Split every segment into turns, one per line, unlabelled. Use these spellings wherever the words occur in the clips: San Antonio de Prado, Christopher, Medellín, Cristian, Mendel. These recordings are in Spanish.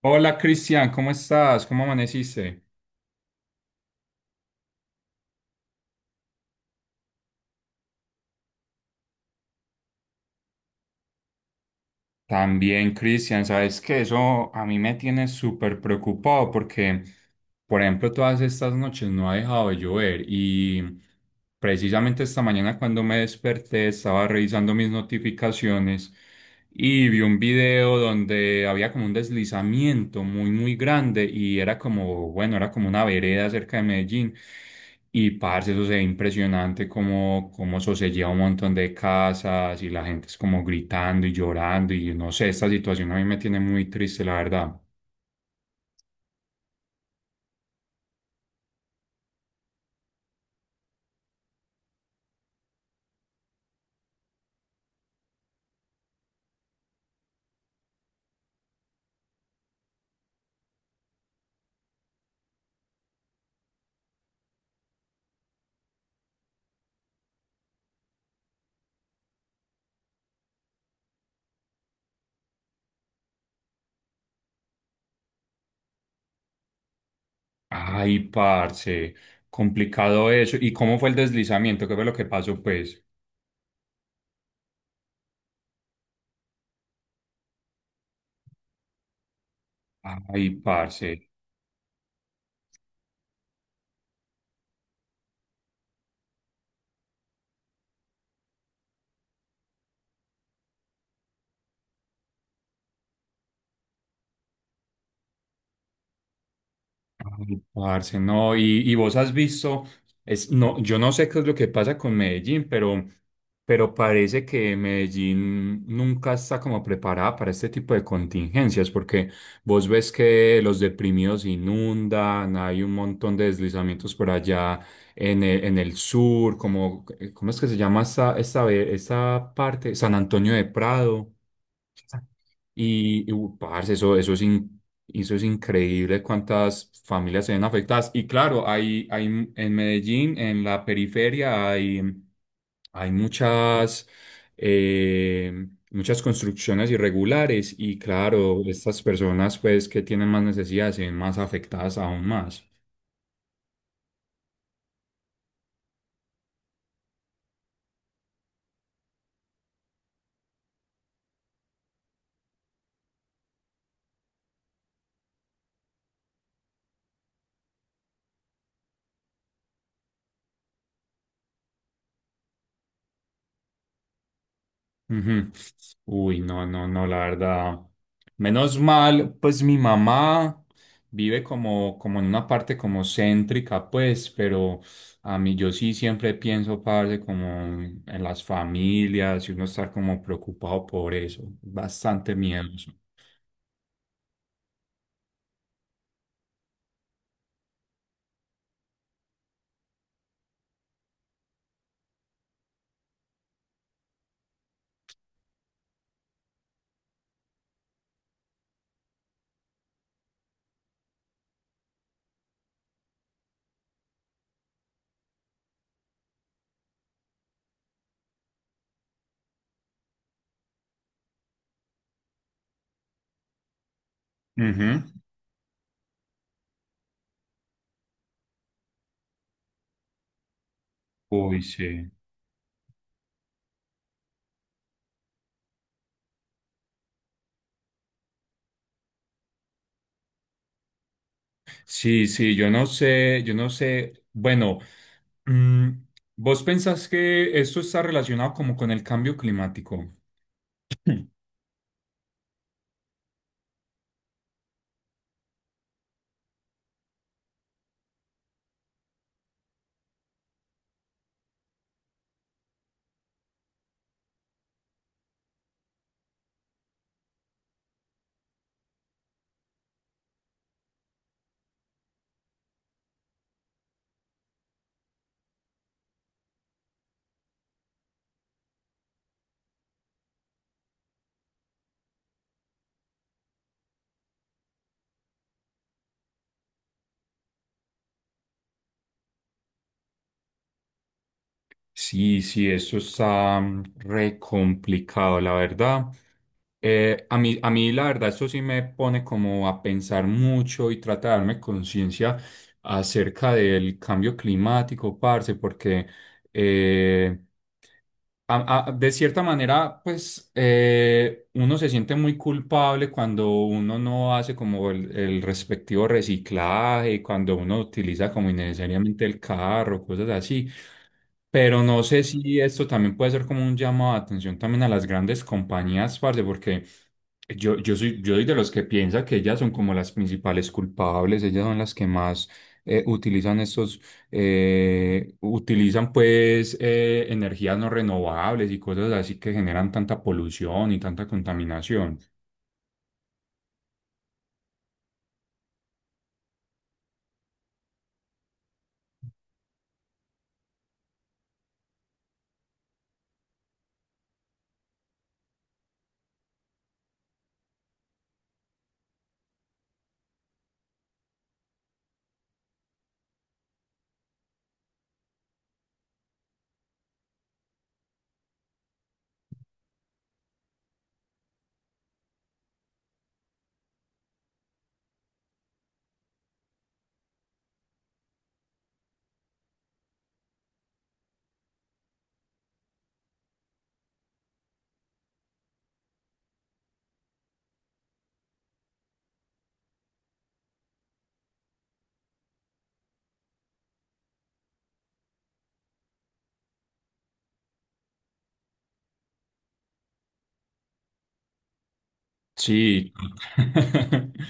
Hola Cristian, ¿cómo estás? ¿Cómo amaneciste? También Cristian, sabes que eso a mí me tiene súper preocupado porque. Por ejemplo, todas estas noches no ha dejado de llover y precisamente esta mañana cuando me desperté estaba revisando mis notificaciones y vi un video donde había como un deslizamiento muy muy grande y era como, bueno, era como una vereda cerca de Medellín y parce, eso se ve impresionante como, como eso se lleva un montón de casas y la gente es como gritando y llorando y no sé, esta situación a mí me tiene muy triste, la verdad. Ay, parce, complicado eso. ¿Y cómo fue el deslizamiento? ¿Qué fue lo que pasó, pues? Ay, parce. Ay, Parce, no, y vos has visto, es, no, yo no sé qué es lo que pasa con Medellín, pero parece que Medellín nunca está como preparada para este tipo de contingencias, porque vos ves que los deprimidos inundan, hay un montón de deslizamientos por allá en el sur, como, ¿cómo es que se llama esta parte? San Antonio de Prado. Parce, eso es eso es increíble cuántas familias se ven afectadas. Y claro, hay en Medellín, en la periferia, hay muchas, muchas construcciones irregulares. Y claro, estas personas pues que tienen más necesidades se ven más afectadas aún más. Ujú. Uy, no, no, no, la verdad. Menos mal, pues mi mamá vive como, como en una parte como céntrica, pues, pero a mí yo sí siempre pienso, parce, como en las familias y uno estar como preocupado por eso. Bastante miedoso. Ujú. Uy, sí. Sí, sí, yo no sé, yo no sé. Bueno, mm, ¿vos pensás que esto está relacionado como con el cambio climático? Sí, sí, eso está re complicado, la verdad. A mí, la verdad, eso sí me pone como a pensar mucho y tratarme conciencia acerca del cambio climático, parce, porque eh, de cierta manera, pues uno se siente muy culpable cuando uno no hace como el respectivo reciclaje, cuando uno utiliza como innecesariamente el carro, cosas así. Pero no sé si esto también puede ser como un llamado de atención también a las grandes compañías, parce, porque yo soy de los que piensa que ellas son como las principales culpables, ellas son las que más eh, utilizan estos, utilizan pues energías no renovables y cosas así que generan tanta polución y tanta contaminación. Sí.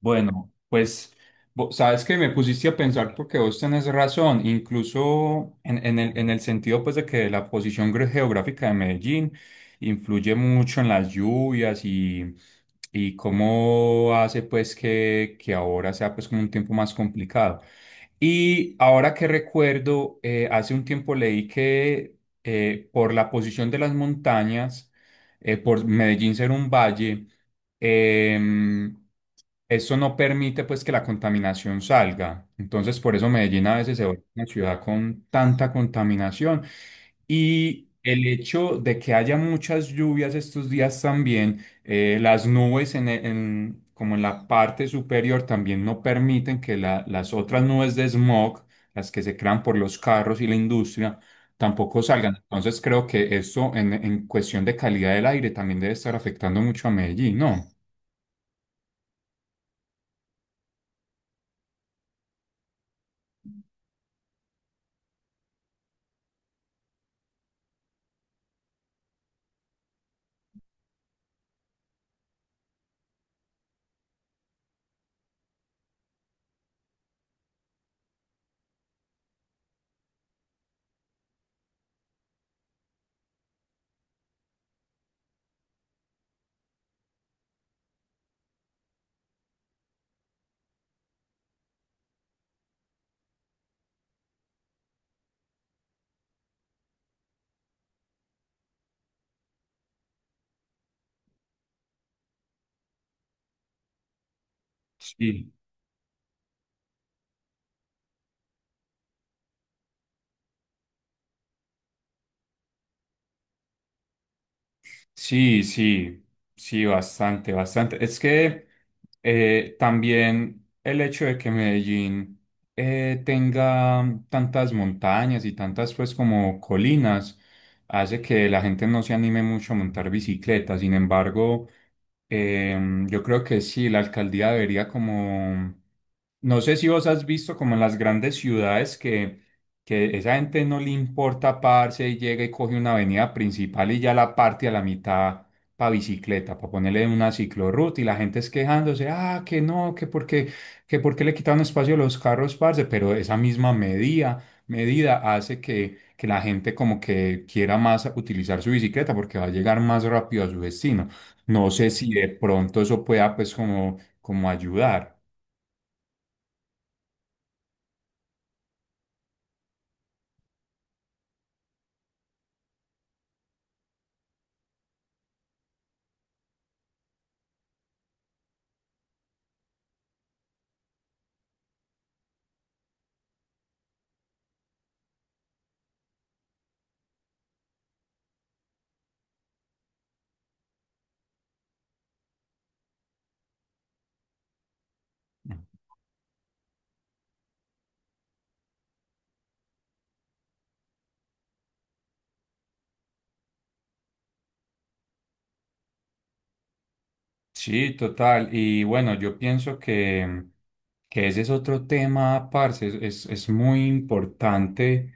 Bueno, pues sabes que me pusiste a pensar porque vos tenés razón, incluso en, en el sentido pues de que la posición geográfica de Medellín influye mucho en las lluvias y cómo hace pues que ahora sea pues como un tiempo más complicado. Y ahora que recuerdo, hace un tiempo leí que por la posición de las montañas, por Medellín ser un valle, em, eso no permite pues que la contaminación salga. Entonces, por eso Medellín a veces se vuelve una ciudad con tanta contaminación. Y el hecho de que haya muchas lluvias estos días también, las nubes en, como en la parte superior también no permiten que las otras nubes de smog, las que se crean por los carros y la industria, tampoco salgan. Entonces creo que eso en cuestión de calidad del aire también debe estar afectando mucho a Medellín, ¿no? Sí. Sí, sí, sí, bastante, bastante. Es que también el hecho de que Medellín tenga tantas montañas y tantas pues como colinas hace que la gente no se anime mucho a montar bicicleta. Sin embargo, yo creo que sí, la alcaldía debería como, no sé si vos has visto como en las grandes ciudades que esa gente no le importa parse y llega y coge una avenida principal y ya la parte a la mitad para bicicleta, para ponerle una ciclorruta y la gente es quejándose, ah, que no, que porque le quitaron espacio a los carros, parce, pero esa misma medida, medida hace que la gente como que quiera más utilizar su bicicleta porque va a llegar más rápido a su destino. No sé si de pronto eso pueda pues como, como ayudar. Sí, total. Y bueno, yo pienso que ese es otro tema, parce. Es, es muy importante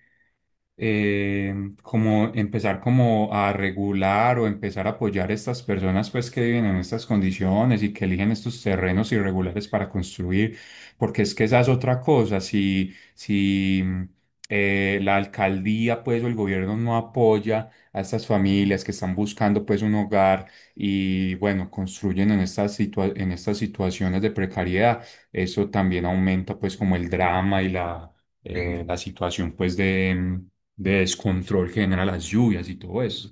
eh, como empezar como a regular o empezar a apoyar a estas personas pues que viven en estas condiciones y que eligen estos terrenos irregulares para construir, porque es que esa es otra cosa, si, la alcaldía pues o el gobierno no apoya a estas familias que están buscando pues un hogar y bueno, construyen en en estas situaciones de precariedad, eso también aumenta pues como el drama y la situación pues de descontrol que generan las lluvias y todo eso.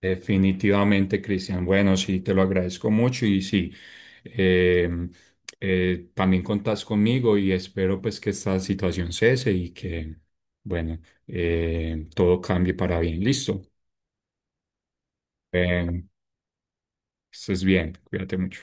Definitivamente, Cristian. Bueno, sí, te lo agradezco mucho y sí, eh, también contás conmigo y espero pues que esta situación cese y que, bueno, todo cambie para bien. Listo. Eh, estés bien, cuídate mucho.